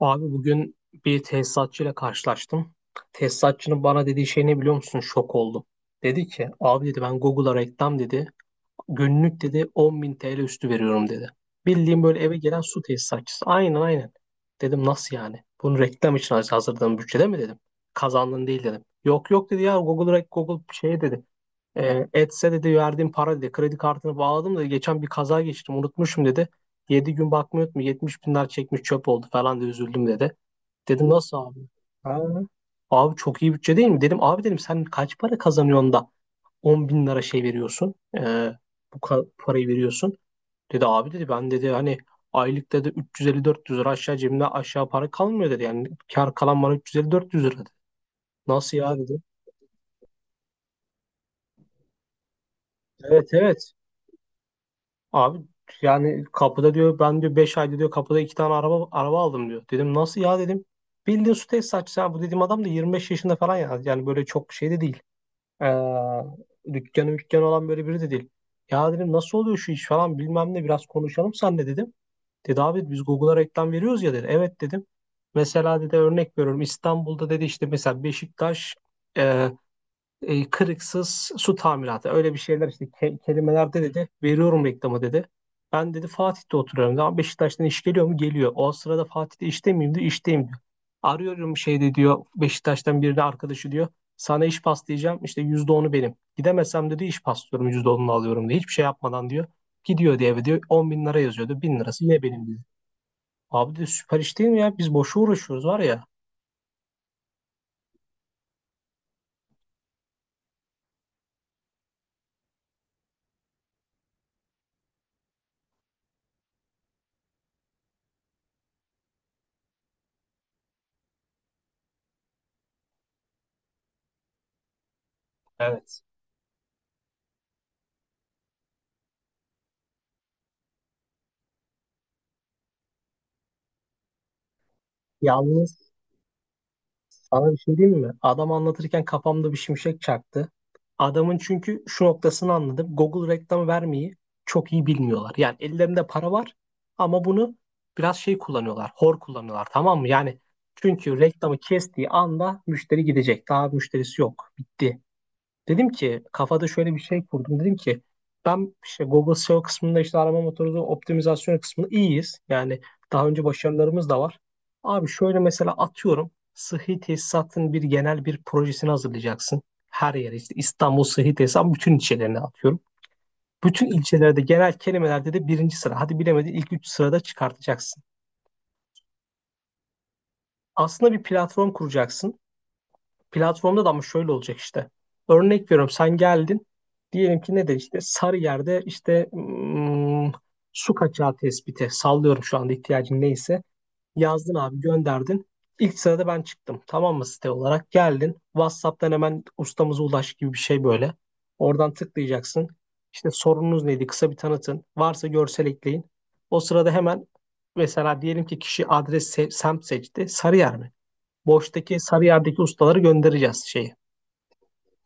Abi bugün bir tesisatçıyla karşılaştım. Tesisatçının bana dediği şey ne biliyor musun? Şok oldum. Dedi ki abi dedi ben Google'a reklam dedi. Günlük dedi 10.000 TL üstü veriyorum dedi. Bildiğim böyle eve gelen su tesisatçısı. Aynen aynen. Dedim nasıl yani? Bunu reklam için hazırladığın bütçede mi dedim. Kazandın değil dedim. Yok yok dedi ya Google, Google şey dedi. Etse dedi verdiğim para dedi. Kredi kartını bağladım da geçen bir kaza geçirdim unutmuşum dedi. 7 gün bakmıyordum, 70 binler çekmiş, çöp oldu falan da üzüldüm dedi. Dedim nasıl abi? Ha, abi çok iyi bütçe değil mi? Dedim abi dedim sen kaç para kazanıyorsun da 10.000 lira şey veriyorsun. Bu parayı veriyorsun. Dedi abi dedi ben dedi hani aylık dedi 350-400 lira aşağı, cebimde aşağı para kalmıyor dedi. Yani kar kalan bana 350-400 lira dedi. Nasıl ya dedi. Evet evet. Abi yani kapıda diyor, ben diyor 5 ayda diyor kapıda 2 tane araba aldım diyor. Dedim nasıl ya dedim. Bildiğin su tesisatçısı ha, bu dediğim adam da 25 yaşında falan ya. Yani böyle çok şey de değil. Dükkanı mükkanı olan böyle biri de değil. Ya dedim nasıl oluyor şu iş falan bilmem ne, biraz konuşalım senle dedim. Dedi abi biz Google'a reklam veriyoruz ya dedi. Evet dedim. Mesela dedi örnek veriyorum İstanbul'da dedi, işte mesela Beşiktaş e, kırıksız su tamiratı, öyle bir şeyler işte, kelimelerde dedi veriyorum reklamı dedi. Ben dedi Fatih'te oturuyorum. Daha Beşiktaş'tan iş geliyor mu? Geliyor. O sırada Fatih'te işte miyim diyor. İşteyim diyor. Arıyorum şeyde diyor, Beşiktaş'tan birini, arkadaşı diyor. Sana iş paslayacağım işte, %10'u benim. Gidemezsem dedi iş paslıyorum, %10'unu alıyorum diyor. Hiçbir şey yapmadan diyor. Gidiyor diye eve, diyor 10 bin lira yazıyordu. 1.000 lirası yine benim diyor. Abi de süper iş değil mi ya? Biz boşu uğraşıyoruz var ya. Evet. Yalnız sana bir şey diyeyim mi? Adam anlatırken kafamda bir şimşek çaktı. Adamın çünkü şu noktasını anladım. Google reklam vermeyi çok iyi bilmiyorlar. Yani ellerinde para var ama bunu biraz şey kullanıyorlar. Hor kullanıyorlar, tamam mı? Yani çünkü reklamı kestiği anda müşteri gidecek. Daha müşterisi yok. Bitti. Dedim ki kafada şöyle bir şey kurdum. Dedim ki ben işte Google SEO kısmında, işte arama motoru optimizasyon kısmında iyiyiz. Yani daha önce başarılarımız da var. Abi şöyle, mesela atıyorum sıhhi tesisatın bir genel bir projesini hazırlayacaksın. Her yere, işte İstanbul sıhhi tesisat, bütün ilçelerine atıyorum. Bütün ilçelerde genel kelimelerde de birinci sıra. Hadi bilemedin ilk üç sırada çıkartacaksın. Aslında bir platform kuracaksın. Platformda da ama şöyle olacak işte. Örnek veriyorum, sen geldin. Diyelim ki ne de işte Sarıyer'de, işte su kaçağı tespiti, sallıyorum, şu anda ihtiyacın neyse. Yazdın abi, gönderdin. İlk sırada ben çıktım. Tamam mı? Site olarak geldin. WhatsApp'tan hemen ustamıza ulaş gibi bir şey böyle. Oradan tıklayacaksın. İşte sorununuz neydi? Kısa bir tanıtın. Varsa görsel ekleyin. O sırada hemen, mesela diyelim ki kişi adres semt seçti. Sarıyer mi? Boş'taki Sarıyer'deki ustaları göndereceğiz şeyi.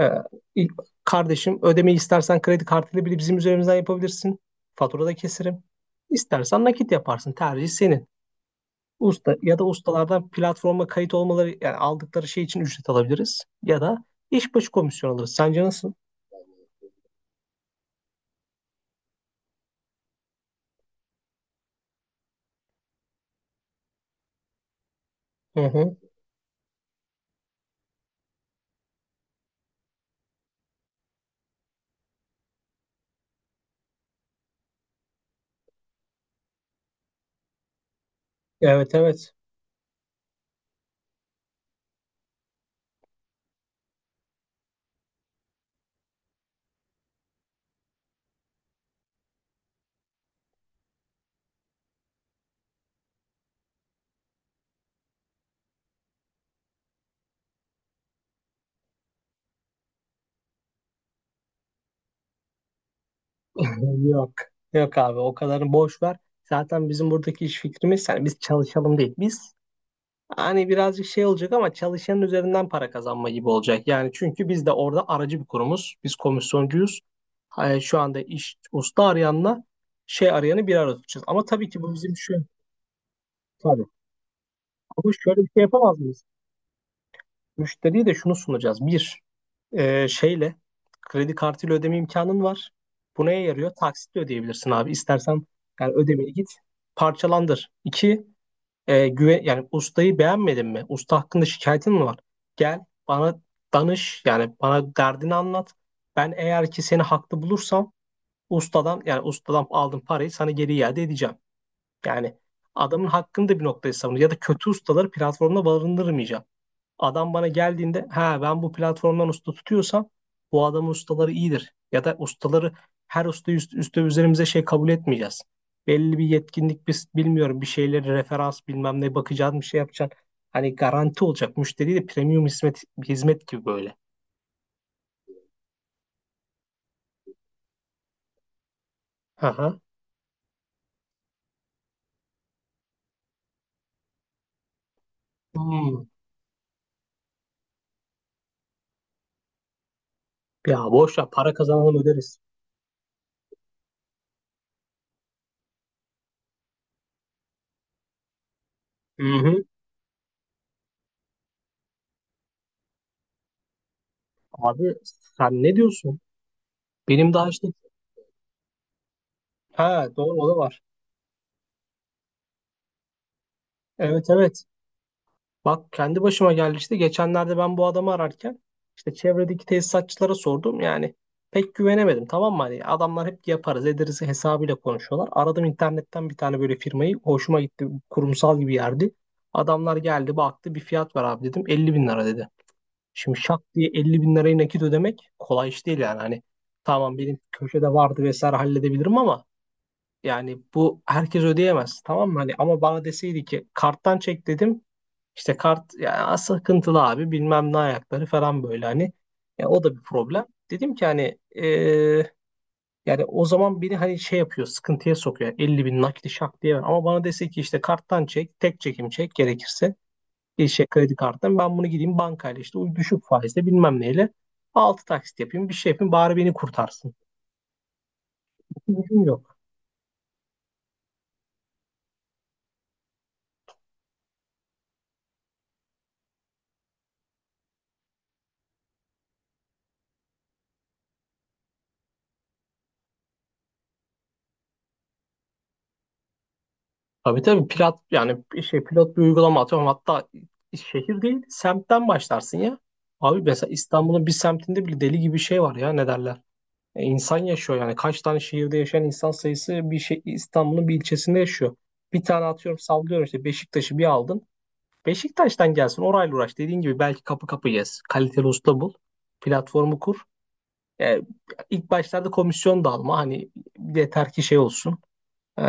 Ee, ilk- Kardeşim, ödemeyi istersen kredi kartıyla bile bizim üzerimizden yapabilirsin. Faturada keserim. İstersen nakit yaparsın. Tercih senin. Usta ya da ustalardan platforma kayıt olmaları, yani aldıkları şey için ücret alabiliriz. Ya da iş başı komisyon alırız. Sence nasıl? Hı hı. Evet evet. Yok. Yok abi, o kadarını boş ver. Zaten bizim buradaki iş fikrimiz, yani biz çalışalım değil. Biz hani birazcık şey olacak ama çalışanın üzerinden para kazanma gibi olacak. Yani çünkü biz de orada aracı bir kurumuz. Biz komisyoncuyuz. Ha, şu anda iş, usta arayanla şey arayanı bir arada tutacağız. Ama tabii ki bu bizim şu tabii. Ama şöyle bir şey yapamaz mıyız? Müşteriye de şunu sunacağız. Bir, şeyle, kredi kartıyla ödeme imkanın var. Bu neye yarıyor? Taksitle ödeyebilirsin abi. İstersen, yani ödemeni git parçalandır. İki, güven, yani ustayı beğenmedin mi? Usta hakkında şikayetin mi var? Gel bana danış, yani bana derdini anlat. Ben eğer ki seni haklı bulursam ustadan, yani ustadan aldığım parayı sana geri iade edeceğim. Yani adamın hakkını da bir noktaya savunuyor ya da kötü ustaları platformda barındırmayacağım. Adam bana geldiğinde ha, ben bu platformdan usta tutuyorsam bu adamın ustaları iyidir. Ya da ustaları, her usta üste üzerimize şey kabul etmeyeceğiz. Belli bir yetkinlik, biz bilmiyorum, bir şeyleri referans, bilmem ne, bakacaksın, bir şey yapacaksın. Hani garanti olacak, müşteri de premium hizmet gibi böyle. Hı hı. Hmm. Ya boş ver, para kazanalım, öderiz. Hı hı. Abi sen ne diyorsun? Benim daha işte, ha doğru, o da var. Evet evet. Bak, kendi başıma geldi işte. Geçenlerde ben bu adamı ararken işte çevredeki tesisatçılara sordum. Yani pek güvenemedim, tamam mı? Hani adamlar hep yaparız ederiz hesabıyla konuşuyorlar. Aradım internetten bir tane böyle firmayı. Hoşuma gitti. Kurumsal gibi yerdi. Adamlar geldi, baktı, bir fiyat var abi dedim. 50 bin lira dedi. Şimdi şak diye 50 bin lirayı nakit ödemek kolay iş değil yani. Hani tamam, benim köşede vardı, vesaire, halledebilirim ama yani bu herkes ödeyemez, tamam mı? Hani ama bana deseydi ki karttan çek dedim. İşte kart ya, sıkıntılı abi, bilmem ne ayakları falan, böyle hani. Ya o da bir problem. Dedim ki hani yani o zaman beni hani şey yapıyor, sıkıntıya sokuyor. Yani 50.000 nakdi şak diye ver. Ama bana dese ki işte karttan çek, tek çekim çek gerekirse. Bir şey, kredi karttan ben bunu gideyim bankayla, işte o düşük faizle, bilmem neyle. Altı taksit yapayım, bir şey yapayım, bari beni kurtarsın. Gücüm yok. Tabii tabii, pilot, yani bir şey, pilot bir uygulama atıyorum, hatta şehir değil semtten başlarsın ya. Abi mesela İstanbul'un bir semtinde bile deli gibi şey var ya, ne derler. İnsan yaşıyor, yani kaç tane şehirde yaşayan insan sayısı bir şey İstanbul'un bir ilçesinde yaşıyor. Bir tane atıyorum, sallıyorum, işte Beşiktaş'ı bir aldın. Beşiktaş'tan gelsin, orayla uğraş, dediğin gibi belki kapı kapı gez. Kaliteli usta bul. Platformu kur. E, ilk başlarda komisyon da alma, hani yeter ki şey olsun, e,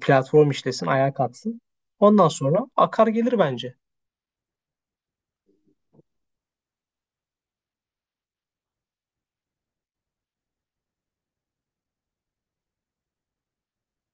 platform işlesin, ayağa kalksın. Ondan sonra akar gelir bence.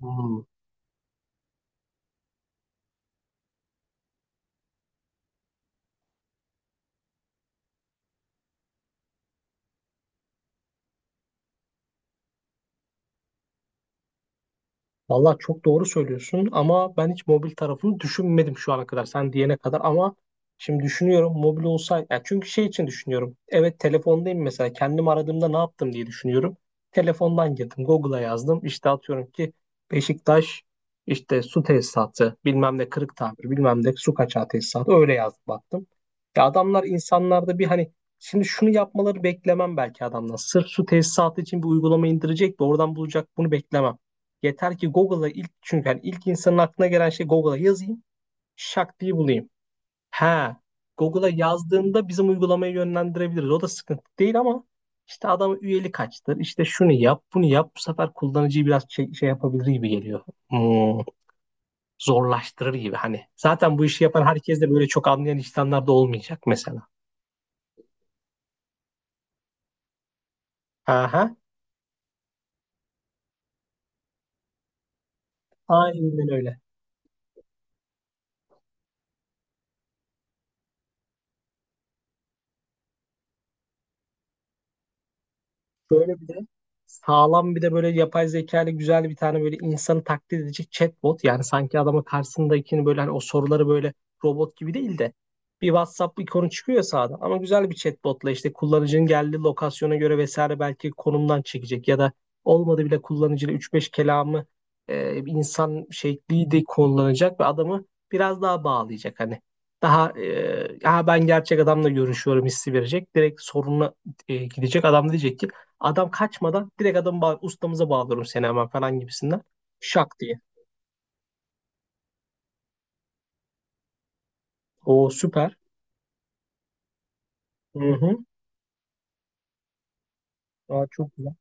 Hmm. Vallahi çok doğru söylüyorsun ama ben hiç mobil tarafını düşünmedim şu ana kadar, sen diyene kadar, ama şimdi düşünüyorum mobil olsaydı, yani çünkü şey için düşünüyorum, evet telefondayım, mesela kendim aradığımda ne yaptım diye düşünüyorum, telefondan girdim Google'a, yazdım işte atıyorum ki Beşiktaş işte su tesisatı bilmem ne kırık tamir bilmem ne su kaçağı tesisatı, öyle yazdım, baktım. Ya adamlar, insanlarda bir hani. Şimdi şunu yapmaları beklemem belki adamdan. Sırf su tesisatı için bir uygulama indirecek de oradan bulacak, bunu beklemem. Yeter ki Google'a ilk, çünkü yani ilk insanın aklına gelen şey Google'a yazayım, şak diye bulayım. Ha, Google'a yazdığında bizim uygulamayı yönlendirebiliriz. O da sıkıntı değil ama işte adam üyeli kaçtır. İşte şunu yap, bunu yap. Bu sefer kullanıcıyı biraz şey yapabilir gibi geliyor. Hmm, Zorlaştırır gibi hani. Zaten bu işi yapan herkes de böyle çok anlayan insanlar da olmayacak mesela. Aha, aynen öyle. Şöyle bir de sağlam, bir de böyle yapay zeka ile güzel bir tane böyle insanı taklit edecek chatbot. Yani sanki adamın karşısındakini böyle hani, o soruları böyle robot gibi değil de, bir WhatsApp ikonu çıkıyor ya sağda, ama güzel bir chatbotla işte kullanıcının geldiği lokasyona göre vesaire, belki konumdan çekecek ya da olmadı bile kullanıcıyla üç beş kelamı, insan şekli de kullanacak ve adamı biraz daha bağlayacak hani. Daha e, Ya ben gerçek adamla görüşüyorum hissi verecek. Direkt sorununa gidecek. Adam da diyecek ki, adam kaçmadan direkt adamı ustamıza bağlıyorum seni hemen falan gibisinden. Şak diye. O süper. Hı hı. Aa, çok güzel.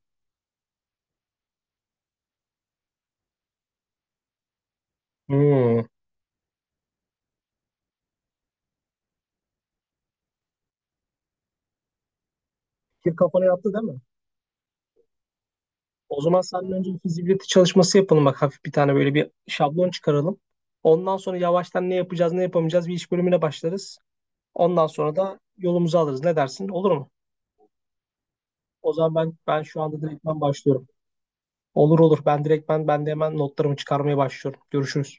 Hı. Fikir kafana yattı değil mi? O zaman senden önce bir fizibilite çalışması yapalım, bak hafif bir tane böyle bir şablon çıkaralım. Ondan sonra yavaştan ne yapacağız ne yapamayacağız, bir iş bölümüne başlarız. Ondan sonra da yolumuzu alırız. Ne dersin? Olur mu? O zaman ben şu anda direktmen başlıyorum. Olur olur. Ben direktmen, ben de hemen notlarımı çıkarmaya başlıyorum. Görüşürüz.